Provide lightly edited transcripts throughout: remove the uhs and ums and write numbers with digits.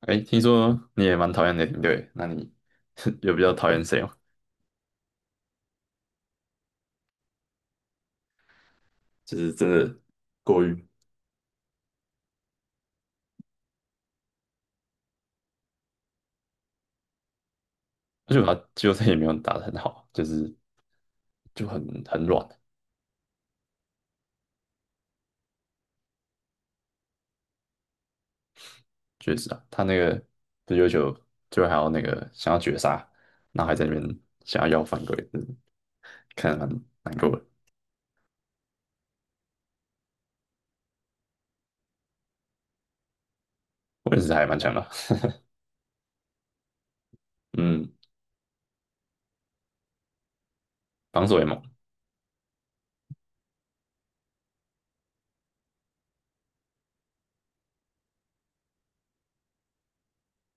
哎，听说你也蛮讨厌雷霆队，那你 有比较讨厌谁吗？就是真的过于，而且他季后赛也没有打得很好，就是就很软。确实啊，他那个这要球最后还要那个想要绝杀，然后还在那边想要犯规，看得蛮难过的。我识他还蛮强的。嗯，防守也猛。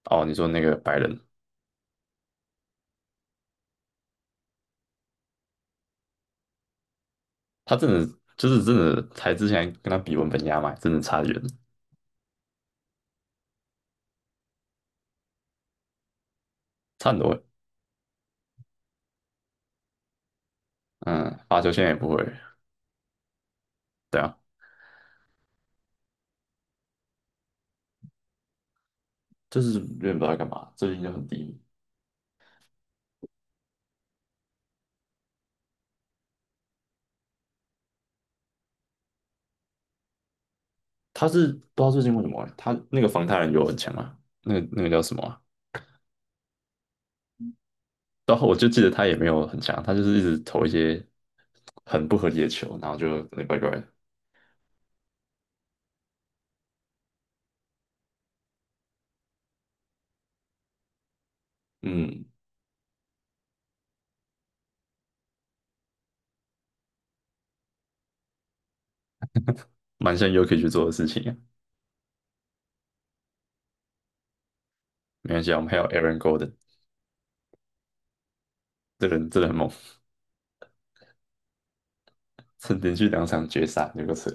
哦，你说那个白人，他真的就是真的，才之前跟他比文本压嘛，真的差得远，差很多欸。嗯，罚球线也不会，对啊。就是有点不知道在干嘛，最近就很低迷。他是不知道最近为什么欸他那个防他人有很强啊，那个叫什么啊。然后我就记得他也没有很强，他就是一直投一些很不合理的球，然后就有点怪怪的嗯，蛮像 UK 去做的事情啊。没关系啊，我们还有 Aaron Gorden 这人真的很猛，曾连续2场决赛，有个扯，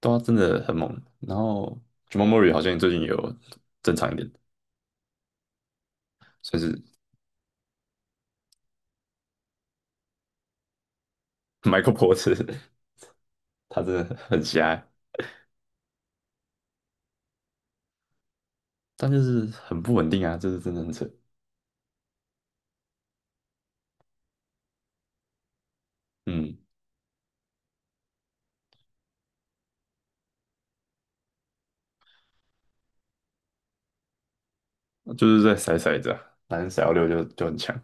都真的很猛。然后 Jamal Murray 好像最近也有正常一点，算是 Michael Porter，他真的很瞎，但就是很不稳定啊，这是真的很扯。嗯，就是在甩骰子啊，反正甩到六就很强。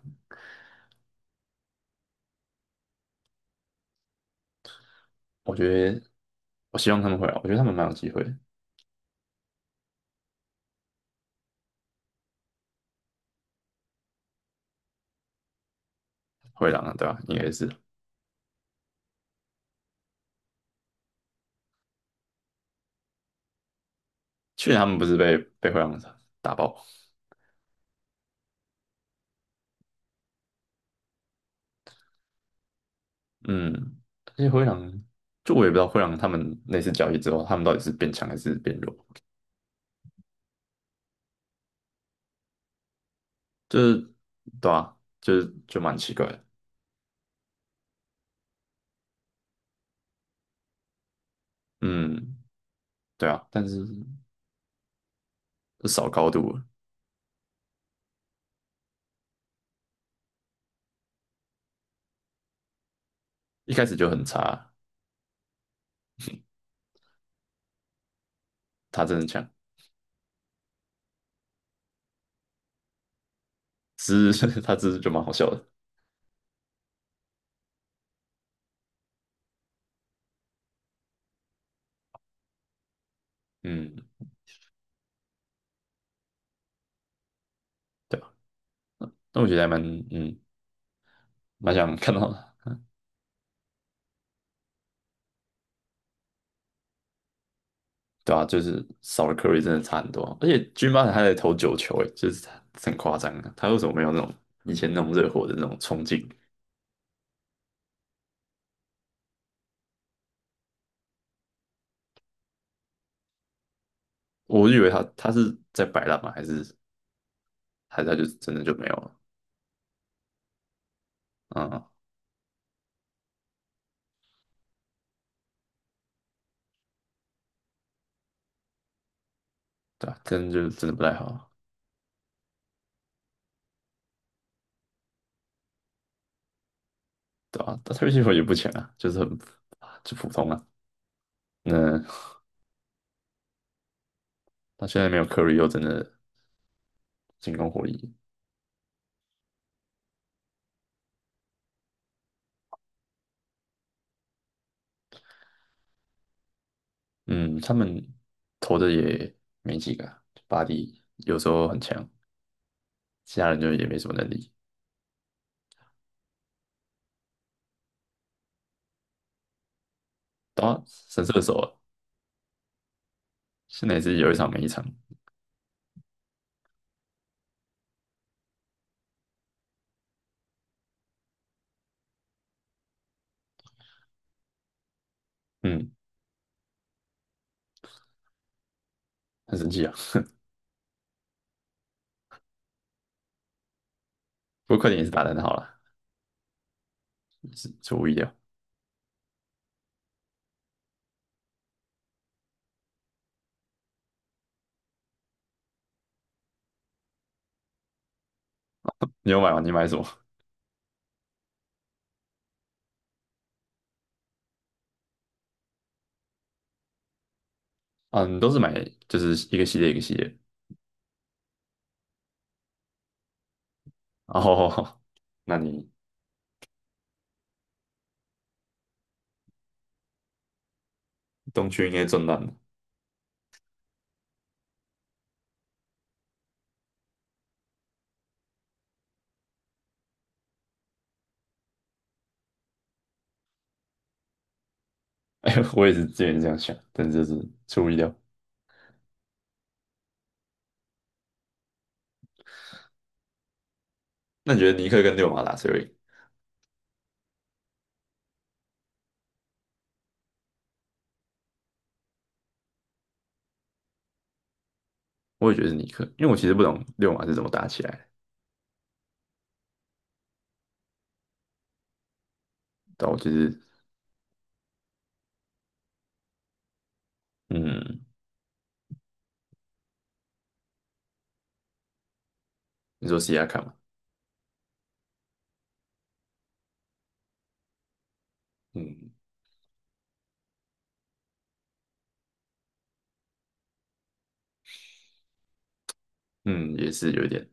我觉得，我希望他们会啊，我觉得他们蛮有机会的。灰狼啊，对吧，应该是去年他们不是被灰狼打爆。嗯，而且灰狼，就我也不知道灰狼他们那次交易之后，他们到底是变强还是变弱，就是对啊，就是就蛮奇怪的。嗯，对啊，但是就少高度了，一开始就很差，他真的强，只是 他只是就蛮好笑的。嗯，对吧，那我觉得还蛮嗯蛮想看到的，对啊，就是少了 Curry 真的差很多啊，而且 Jimmy b 在投9球，诶，就是很夸张啊，他为什么没有那种以前那种热火的那种冲劲？我以为他是在摆烂嘛，还是他就真的就没有了？嗯，对啊，真的就真的不太好，对啊，但他运气也不强啊，就是很啊就普通啊。那他现在没有 Curry 又真的进攻火力，嗯，他们投的也没几个啊，巴黎有时候很强，其他人就也没什么能力。打神射手啊，现在也是有一场没一场。嗯，很神奇啊。不过快点也是打得很好了，也是出乎意料。你有买吗？你买什么？啊，你都是买就是一个系列一个系列。哦，那你东区应该赚烂了。哎，我也是之前这样想，但是就是出乎意料。那你觉得尼克跟六马打谁会赢？我也觉得是尼克，因为我其实不懂六马是怎么打起来的。但我其实，嗯，你说西亚卡嘛，嗯嗯，也是有一点，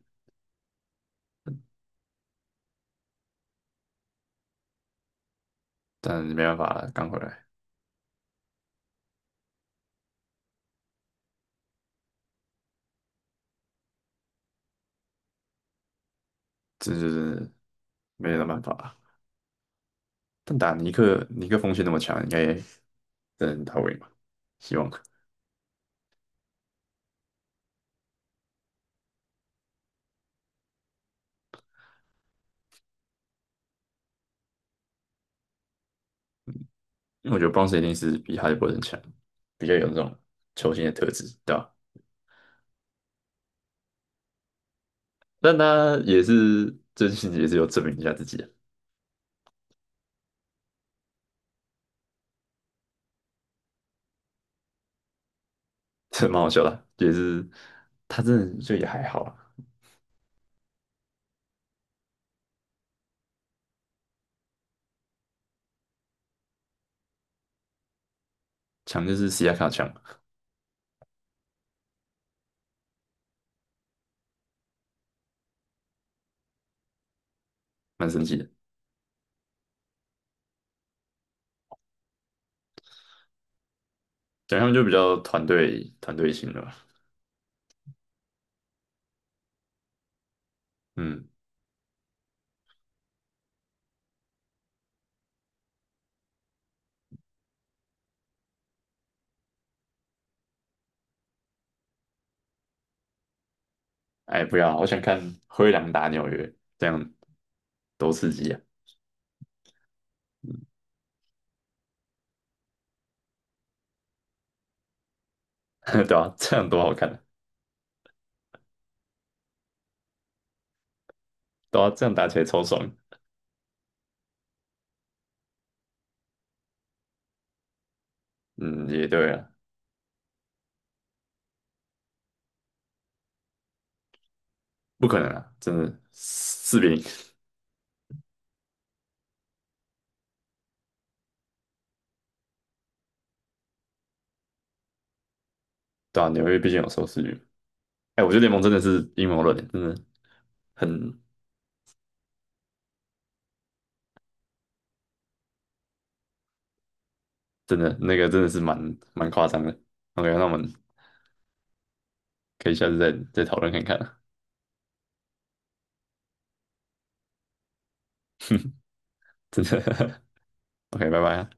但没办法，刚回来，这就是没有办法。但打尼克，尼克锋线那么强，应该真的很到位嘛？希望，因为我觉得 Bounce 一定是比哈利波特强，比较有那种球星的特质，对吧？但他也是真心也是有证明一下自己啊，这蛮好笑的啊也是他真的就也还好啊，强就是西亚卡强，蛮神奇的。讲他们就比较团队团队型的吧。嗯，哎，不要，我想看灰狼打纽约，这样多刺激啊，对吧，啊这样多好看啊，对啊，这样打起来超爽。嗯，也对啊。不可能啊，真的4-0，对啊，纽约毕竟有收视率。哎，我觉得联盟真的是阴谋论，真的很真的那个真的是蛮夸张的。OK，那我们可以下次再讨论看看啊，真的。OK，拜拜啊